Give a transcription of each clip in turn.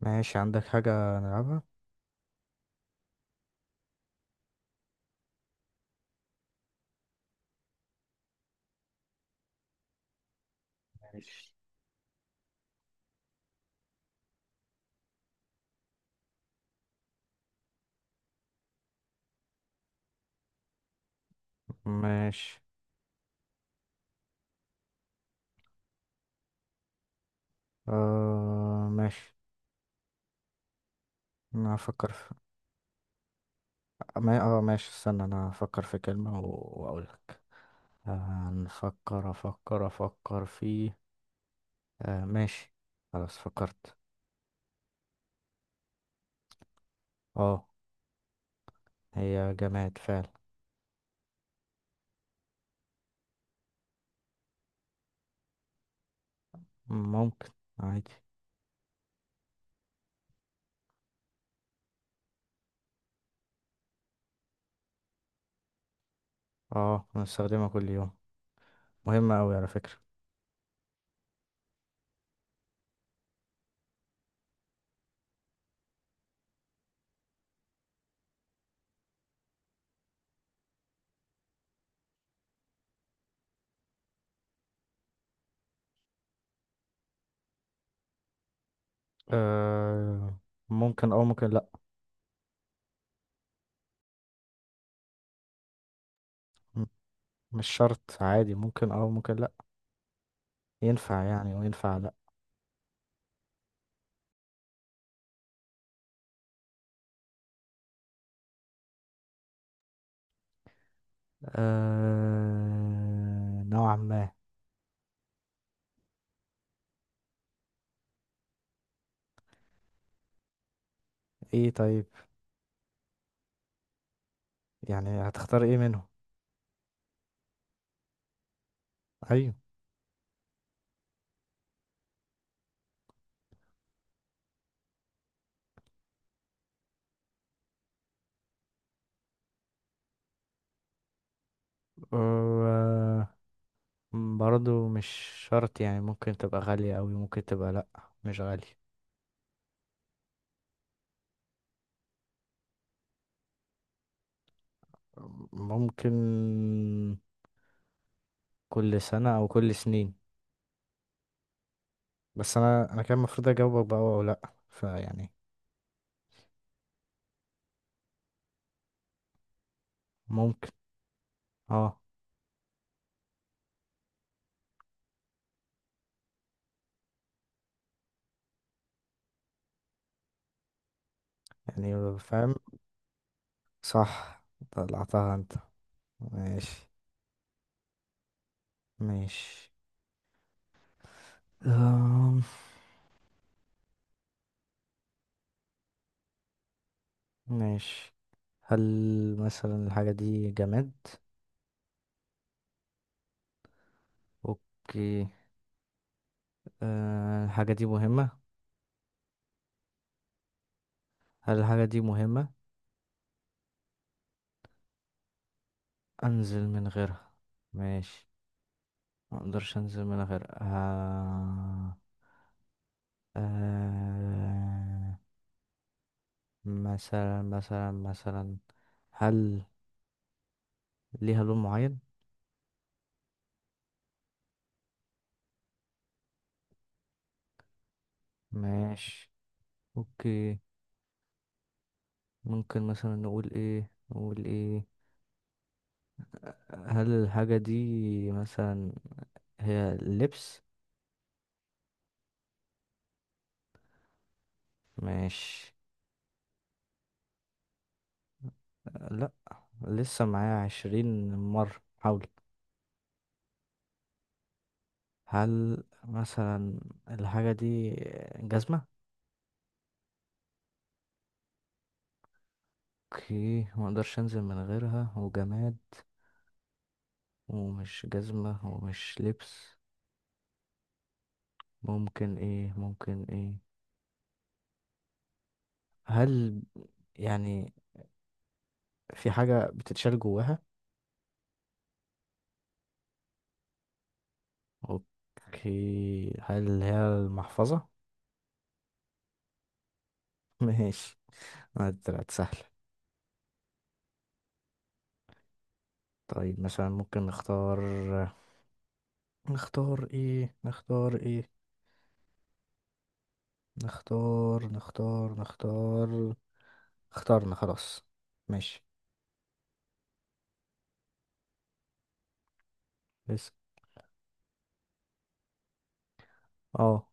ماشي، عندك حاجة نلعبها؟ ماشي. ماشي. انا هفكر في... ما... اه، ماشي، استنى، انا هفكر في كلمة واقولك. آه، هنفكر افكر افكر في... ماشي. خلاص فكرت. اه. هي جماد فعلا. ممكن. عادي. اه، بنستخدمها كل يوم، مهمة اوي على فكرة. آه ممكن او ممكن لا. م- مش شرط، عادي، ممكن او ممكن لا. ينفع يعني وينفع لا. نوعا ما. ايه، طيب، يعني هتختار ايه منهم؟ ايوه. آه... برضو مش شرط يعني، ممكن تبقى غالية اوي، ممكن تبقى لأ، مش غالية. ممكن كل سنة او كل سنين، بس انا كان المفروض اجاوبك بقى او لأ، فيعني ممكن. اه. يعني فاهم. صح، طلعتها انت. ماشي. ماشي، ماشي. هل مثلا الحاجة دي جماد؟ اوكي. الحاجة دي مهمة؟ هل الحاجة دي مهمة؟ انزل من غيرها؟ ماشي. ما اقدرش انزل من غيرها. أه... مثلا. هل ليها لون معين؟ ماشي، اوكي. ممكن مثلا نقول ايه، نقول ايه، هل الحاجة دي مثلا هي لبس؟ ماشي. لا، لسه معايا 20 مرة حاول. هل مثلا الحاجة دي جزمة؟ اوكي، مقدرش انزل من غيرها، وجماد، ومش جزمة ومش لبس. ممكن ايه، ممكن ايه؟ هل يعني في حاجة بتتشال جواها؟ اوكي، هل هي المحفظة؟ ماشي، ما طلعت سهلة. طيب مثلا ممكن نختار، نختار ايه، نختار ايه، نختار. اخترنا خلاص. ماشي. بس. اه.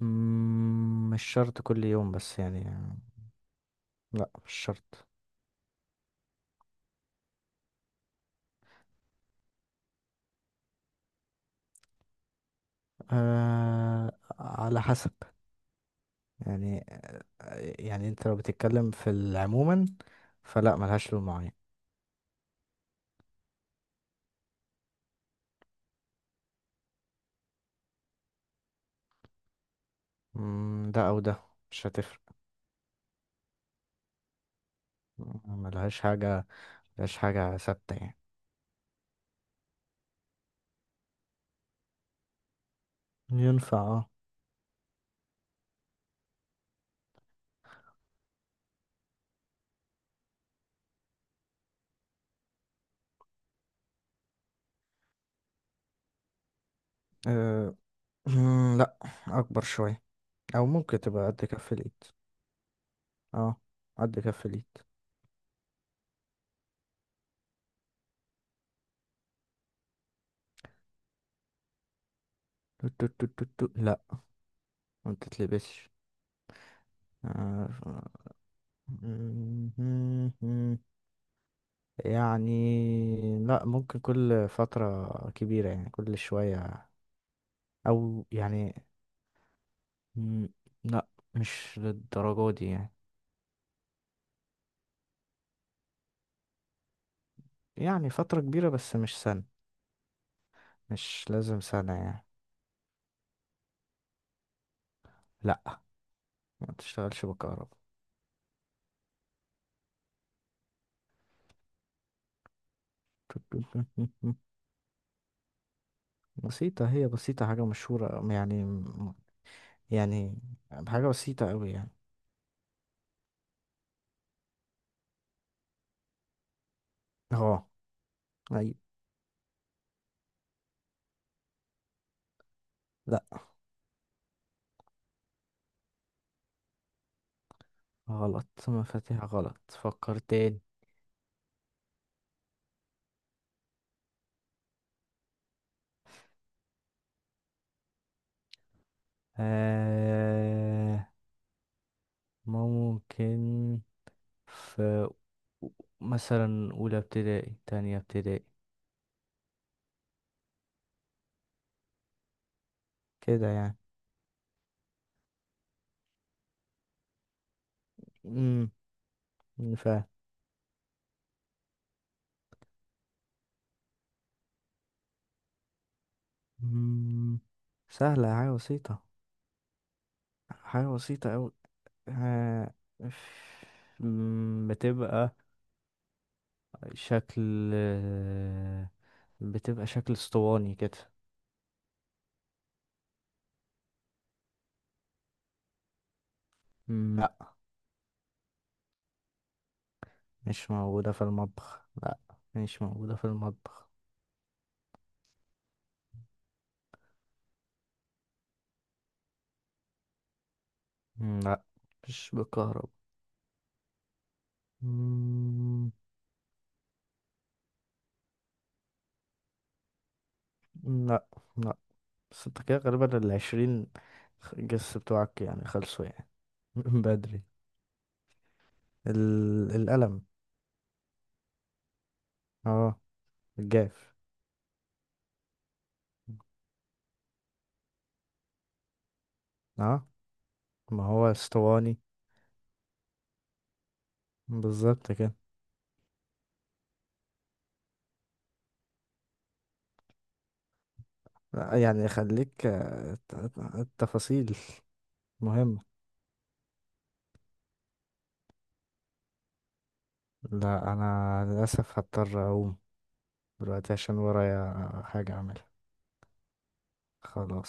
مش شرط كل يوم بس يعني، لا مش شرط. آه على حسب يعني، يعني انت لو بتتكلم في العموما فلا، ملهاش لون معين. ده او ده، مش هتفرق. ملهاش حاجة، ملهاش حاجة ثابتة يعني. ينفع، اه. آه، لا، اكبر شوية، او ممكن تبقى قد كف الايد. اه، قد كف اليد. تو- تو- تو- تو- تو. لا، ما بتتلبسش. آه، مهم. يعني لا، ممكن كل فترة كبيرة يعني، كل شوية أو يعني. مم، لا، مش للدرجة دي يعني. يعني فترة كبيرة بس مش سنة. مش لازم سنة يعني. لا، ما تشتغلش بالكهرباء. تو- تو- تو- تو- تو. بسيطة، هي بسيطة، حاجة مشهورة يعني، يعني حاجة بسيطة أوي يعني. اه. أيوة. لا غلط، مفاتيح غلط، فكر تاني. آه ممكن في مثلا أولى ابتدائي، تانية ابتدائي كده يعني. امم فاهم. مم، سهلة، حاجة بسيطة، حاجة بسيطة أوي. آه بتبقى شكل، بتبقى شكل اسطواني كده. لا، مش موجودة في المطبخ، لا مش موجودة في المطبخ. لا، مش بالكهرباء. مم، لا، لا. بس انت كده غالبا العشرين جس بتوعك يعني خلصوا يعني. من بدري. القلم. اه. الجاف. اه، ما هو اسطواني، بالظبط كده. لا، يعني خليك، التفاصيل مهمة. لا، انا للاسف هضطر اقوم دلوقتي عشان ورايا حاجة اعملها. خلاص.